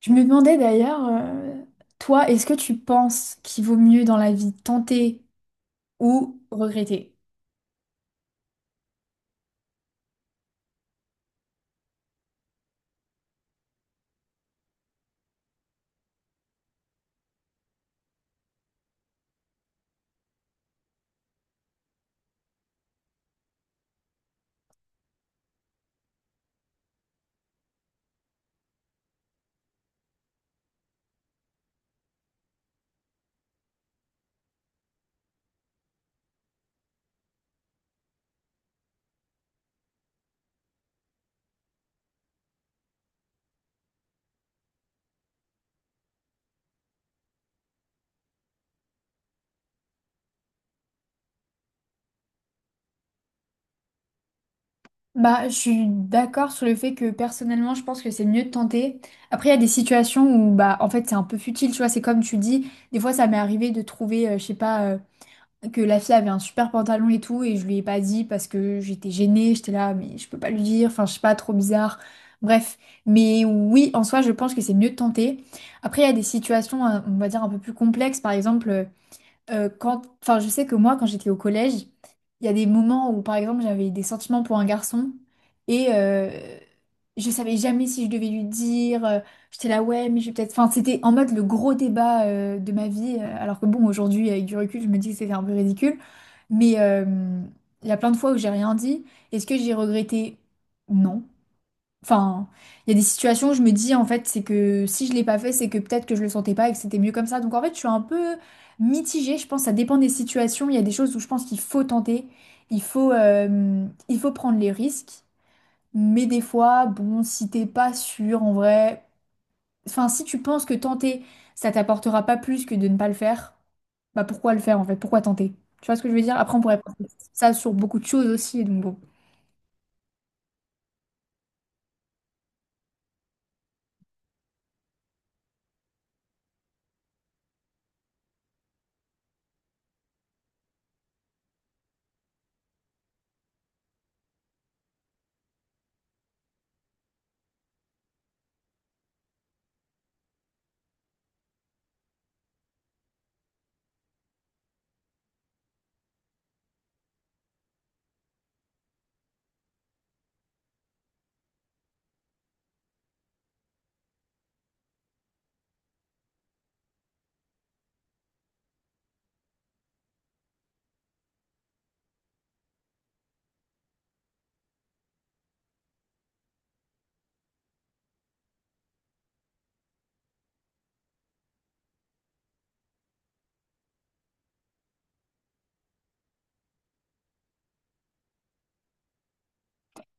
Je me demandais d'ailleurs, toi, est-ce que tu penses qu'il vaut mieux dans la vie tenter ou regretter? Bah, je suis d'accord sur le fait que personnellement, je pense que c'est mieux de tenter. Après, il y a des situations où, bah, en fait, c'est un peu futile, tu vois. C'est comme tu dis, des fois, ça m'est arrivé de trouver, je sais pas, que la fille avait un super pantalon et tout, et je lui ai pas dit parce que j'étais gênée, j'étais là, mais je peux pas lui dire, enfin, je sais pas, trop bizarre. Bref, mais oui, en soi, je pense que c'est mieux de tenter. Après, il y a des situations, on va dire, un peu plus complexes, par exemple. Quand, enfin, je sais que moi, quand j'étais au collège, il y a des moments où, par exemple, j'avais des sentiments pour un garçon et je savais jamais si je devais lui dire. J'étais là, ouais, mais je vais peut-être. Enfin, c'était en mode le gros débat de ma vie. Euh, alors que bon, aujourd'hui, avec du recul, je me dis que c'était un peu ridicule. Mais il y a plein de fois où j'ai rien dit. Est-ce que j'ai regretté? Non. Enfin, il y a des situations où je me dis, en fait, c'est que si je l'ai pas fait, c'est que peut-être que je le sentais pas et que c'était mieux comme ça. Donc, en fait, je suis un peu mitigée. Je pense que ça dépend des situations. Il y a des choses où je pense qu'il faut tenter. Il faut prendre les risques. Mais des fois, bon, si t'es pas sûr, en vrai... Enfin, si tu penses que tenter, ça t'apportera pas plus que de ne pas le faire, bah pourquoi le faire, en fait? Pourquoi tenter? Tu vois ce que je veux dire? Après, on pourrait penser ça sur beaucoup de choses aussi. Donc, bon.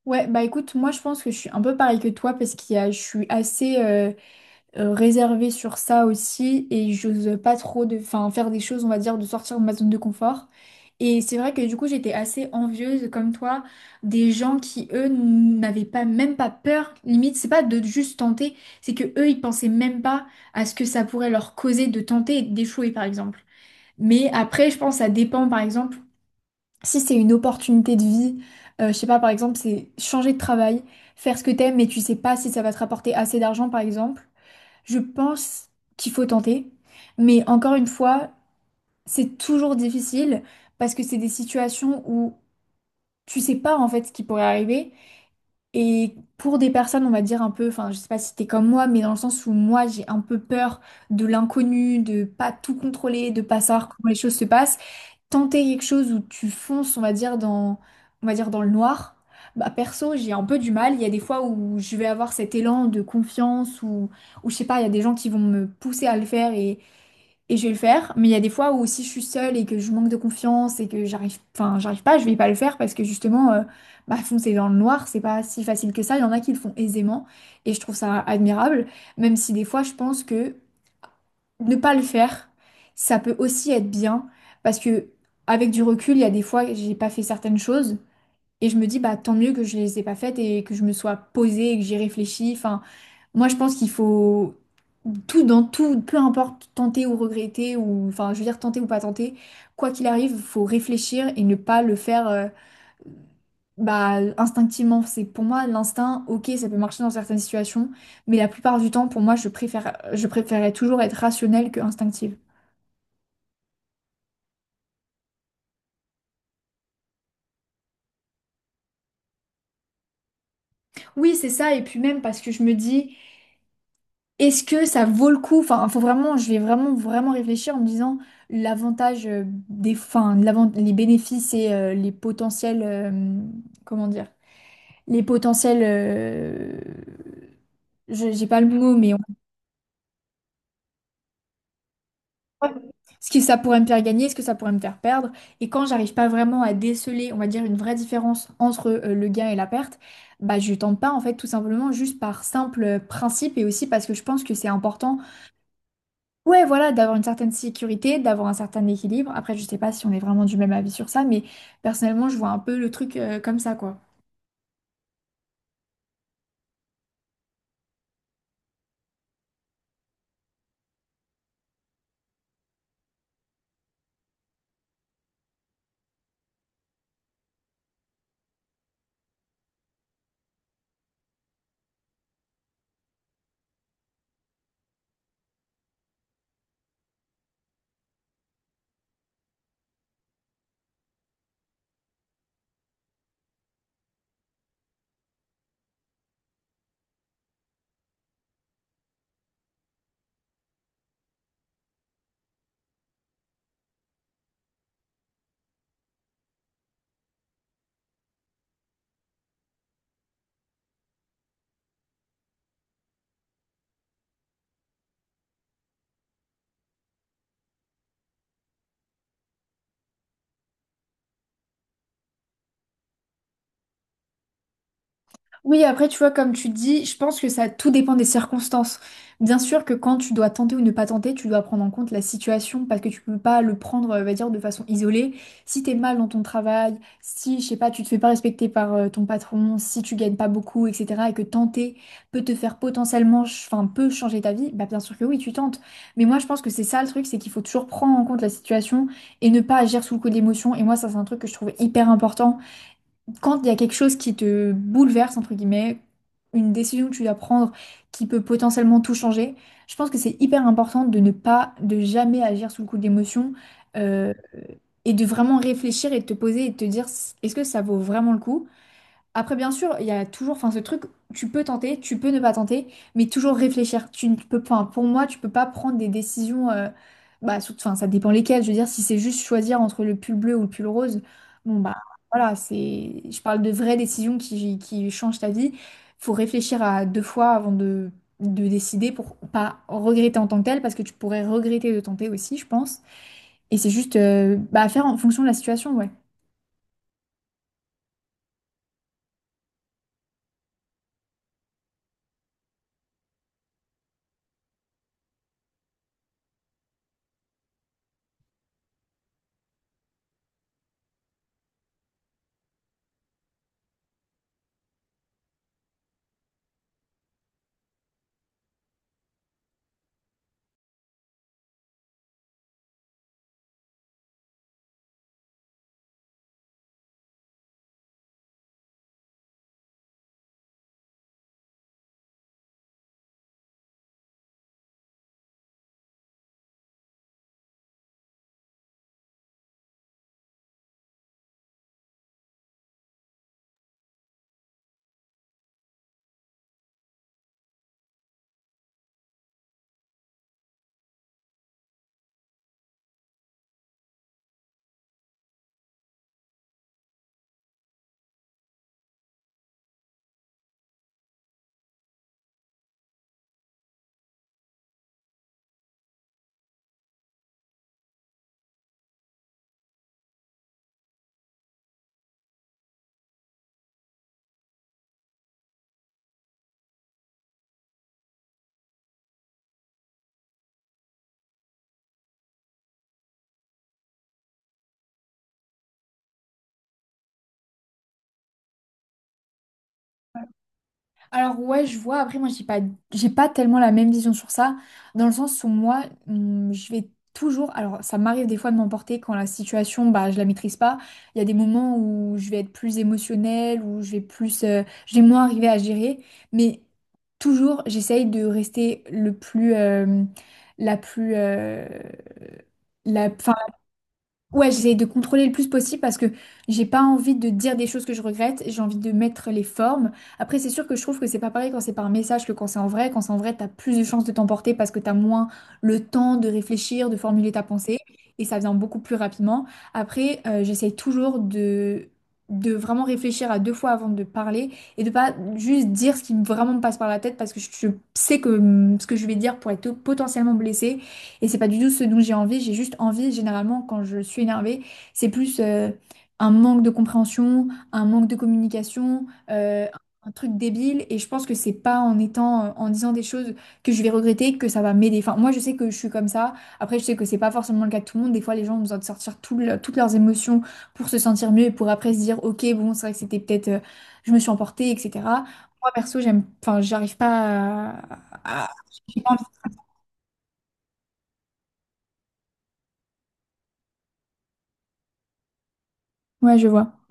Ouais, bah écoute, moi je pense que je suis un peu pareil que toi parce qu'il y a je suis assez réservée sur ça aussi et j'ose pas trop de, enfin, faire des choses, on va dire, de sortir de ma zone de confort. Et c'est vrai que du coup j'étais assez envieuse comme toi des gens qui eux n'avaient pas même pas peur, limite c'est pas de juste tenter, c'est que eux ils pensaient même pas à ce que ça pourrait leur causer de tenter et d'échouer par exemple. Mais après je pense que ça dépend par exemple. Si c'est une opportunité de vie, je sais pas, par exemple, c'est changer de travail, faire ce que t'aimes, mais tu sais pas si ça va te rapporter assez d'argent, par exemple, je pense qu'il faut tenter. Mais encore une fois, c'est toujours difficile parce que c'est des situations où tu sais pas en fait ce qui pourrait arriver. Et pour des personnes, on va dire un peu, enfin, je sais pas si t'es comme moi, mais dans le sens où moi, j'ai un peu peur de l'inconnu, de pas tout contrôler, de pas savoir comment les choses se passent, tenter quelque chose où tu fonces, on va dire, dans, on va dire dans le noir, bah perso, j'ai un peu du mal. Il y a des fois où je vais avoir cet élan de confiance ou je sais pas, il y a des gens qui vont me pousser à le faire et je vais le faire. Mais il y a des fois où aussi je suis seule et que je manque de confiance et que j'arrive, enfin, j'arrive pas, je vais pas le faire parce que justement, bah, foncer dans le noir, c'est pas si facile que ça. Il y en a qui le font aisément et je trouve ça admirable, même si des fois je pense que ne pas le faire, ça peut aussi être bien parce que avec du recul, il y a des fois j'ai pas fait certaines choses et je me dis bah tant mieux que je les ai pas faites et que je me sois posée et que j'ai réfléchi. Enfin, moi je pense qu'il faut tout dans tout, peu importe tenter ou regretter ou enfin je veux dire tenter ou pas tenter, quoi qu'il arrive, faut réfléchir et ne pas le faire bah, instinctivement, c'est pour moi l'instinct, ok, ça peut marcher dans certaines situations, mais la plupart du temps, pour moi, je préférais toujours être rationnelle que instinctive. Oui, c'est ça. Et puis même parce que je me dis, est-ce que ça vaut le coup? Enfin, faut vraiment, vraiment réfléchir en me disant l'avantage des, enfin, les bénéfices et les potentiels, comment dire, les potentiels, je, j'ai pas le mot, mais on... ce que ça pourrait me faire gagner, ce que ça pourrait me faire perdre. Et quand j'arrive pas vraiment à déceler, on va dire, une vraie différence entre le gain et la perte, bah je tente pas en fait tout simplement juste par simple principe et aussi parce que je pense que c'est important. Ouais, voilà, d'avoir une certaine sécurité, d'avoir un certain équilibre. Après, je sais pas si on est vraiment du même avis sur ça, mais personnellement, je vois un peu le truc comme ça, quoi. Oui, après, tu vois, comme tu dis, je pense que ça tout dépend des circonstances. Bien sûr que quand tu dois tenter ou ne pas tenter, tu dois prendre en compte la situation parce que tu peux pas le prendre, on va dire, de façon isolée. Si t'es mal dans ton travail, si, je sais pas, tu te fais pas respecter par ton patron, si tu gagnes pas beaucoup, etc., et que tenter peut te faire potentiellement, enfin, peut changer ta vie, bah bien sûr que oui, tu tentes. Mais moi, je pense que c'est ça le truc, c'est qu'il faut toujours prendre en compte la situation et ne pas agir sous le coup de l'émotion. Et moi, ça, c'est un truc que je trouve hyper important quand il y a quelque chose qui te bouleverse, entre guillemets, une décision que tu dois prendre qui peut potentiellement tout changer, je pense que c'est hyper important de ne pas, de jamais agir sous le coup de l'émotion euh, et de vraiment réfléchir et de te poser et de te dire est-ce que ça vaut vraiment le coup? Après, bien sûr, il y a toujours, enfin, ce truc, tu peux tenter, tu peux ne pas tenter, mais toujours réfléchir. Tu ne peux, pas pour moi, tu peux pas prendre des décisions, bah, surtout, enfin, ça dépend lesquelles. Je veux dire, si c'est juste choisir entre le pull bleu ou le pull rose, bon, bah, voilà, c'est, je parle de vraies décisions qui changent ta vie. Faut réfléchir à deux fois avant de décider pour pas regretter en tant que tel, parce que tu pourrais regretter de tenter aussi, je pense. Et c'est juste, bah, à faire en fonction de la situation, ouais. Alors ouais, je vois. Après, moi, j'ai pas tellement la même vision sur ça, dans le sens où moi, je vais toujours. Alors, ça m'arrive des fois de m'emporter quand la situation, bah, je la maîtrise pas. Il y a des moments où je vais être plus émotionnelle, où je vais plus, je vais moins arriver à gérer. Mais toujours, j'essaye de rester le plus, la plus, la, 'fin, ouais, j'essaye de contrôler le plus possible parce que j'ai pas envie de dire des choses que je regrette, j'ai envie de mettre les formes. Après, c'est sûr que je trouve que c'est pas pareil quand c'est par message que quand c'est en vrai. Quand c'est en vrai, t'as plus de chances de t'emporter parce que t'as moins le temps de réfléchir, de formuler ta pensée et ça vient beaucoup plus rapidement. Après, j'essaye toujours de vraiment réfléchir à deux fois avant de parler et de pas juste dire ce qui vraiment me passe par la tête parce que je sais que ce que je vais dire pourrait être potentiellement blessé et c'est pas du tout ce dont j'ai envie, j'ai juste envie, généralement, quand je suis énervée, c'est plus un manque de compréhension, un manque de communication, euh, un truc débile. Et je pense que c'est pas en étant, en disant des choses que je vais regretter que ça va m'aider. Enfin, moi, je sais que je suis comme ça. Après, je sais que c'est pas forcément le cas de tout le monde. Des fois, les gens ont besoin de sortir toutes leurs émotions pour se sentir mieux et pour après se dire, ok, bon, c'est vrai que c'était peut-être, je me suis emportée, etc. Moi, perso, enfin, j'arrive pas à... à- j'ai pas envie- Ouais, je vois.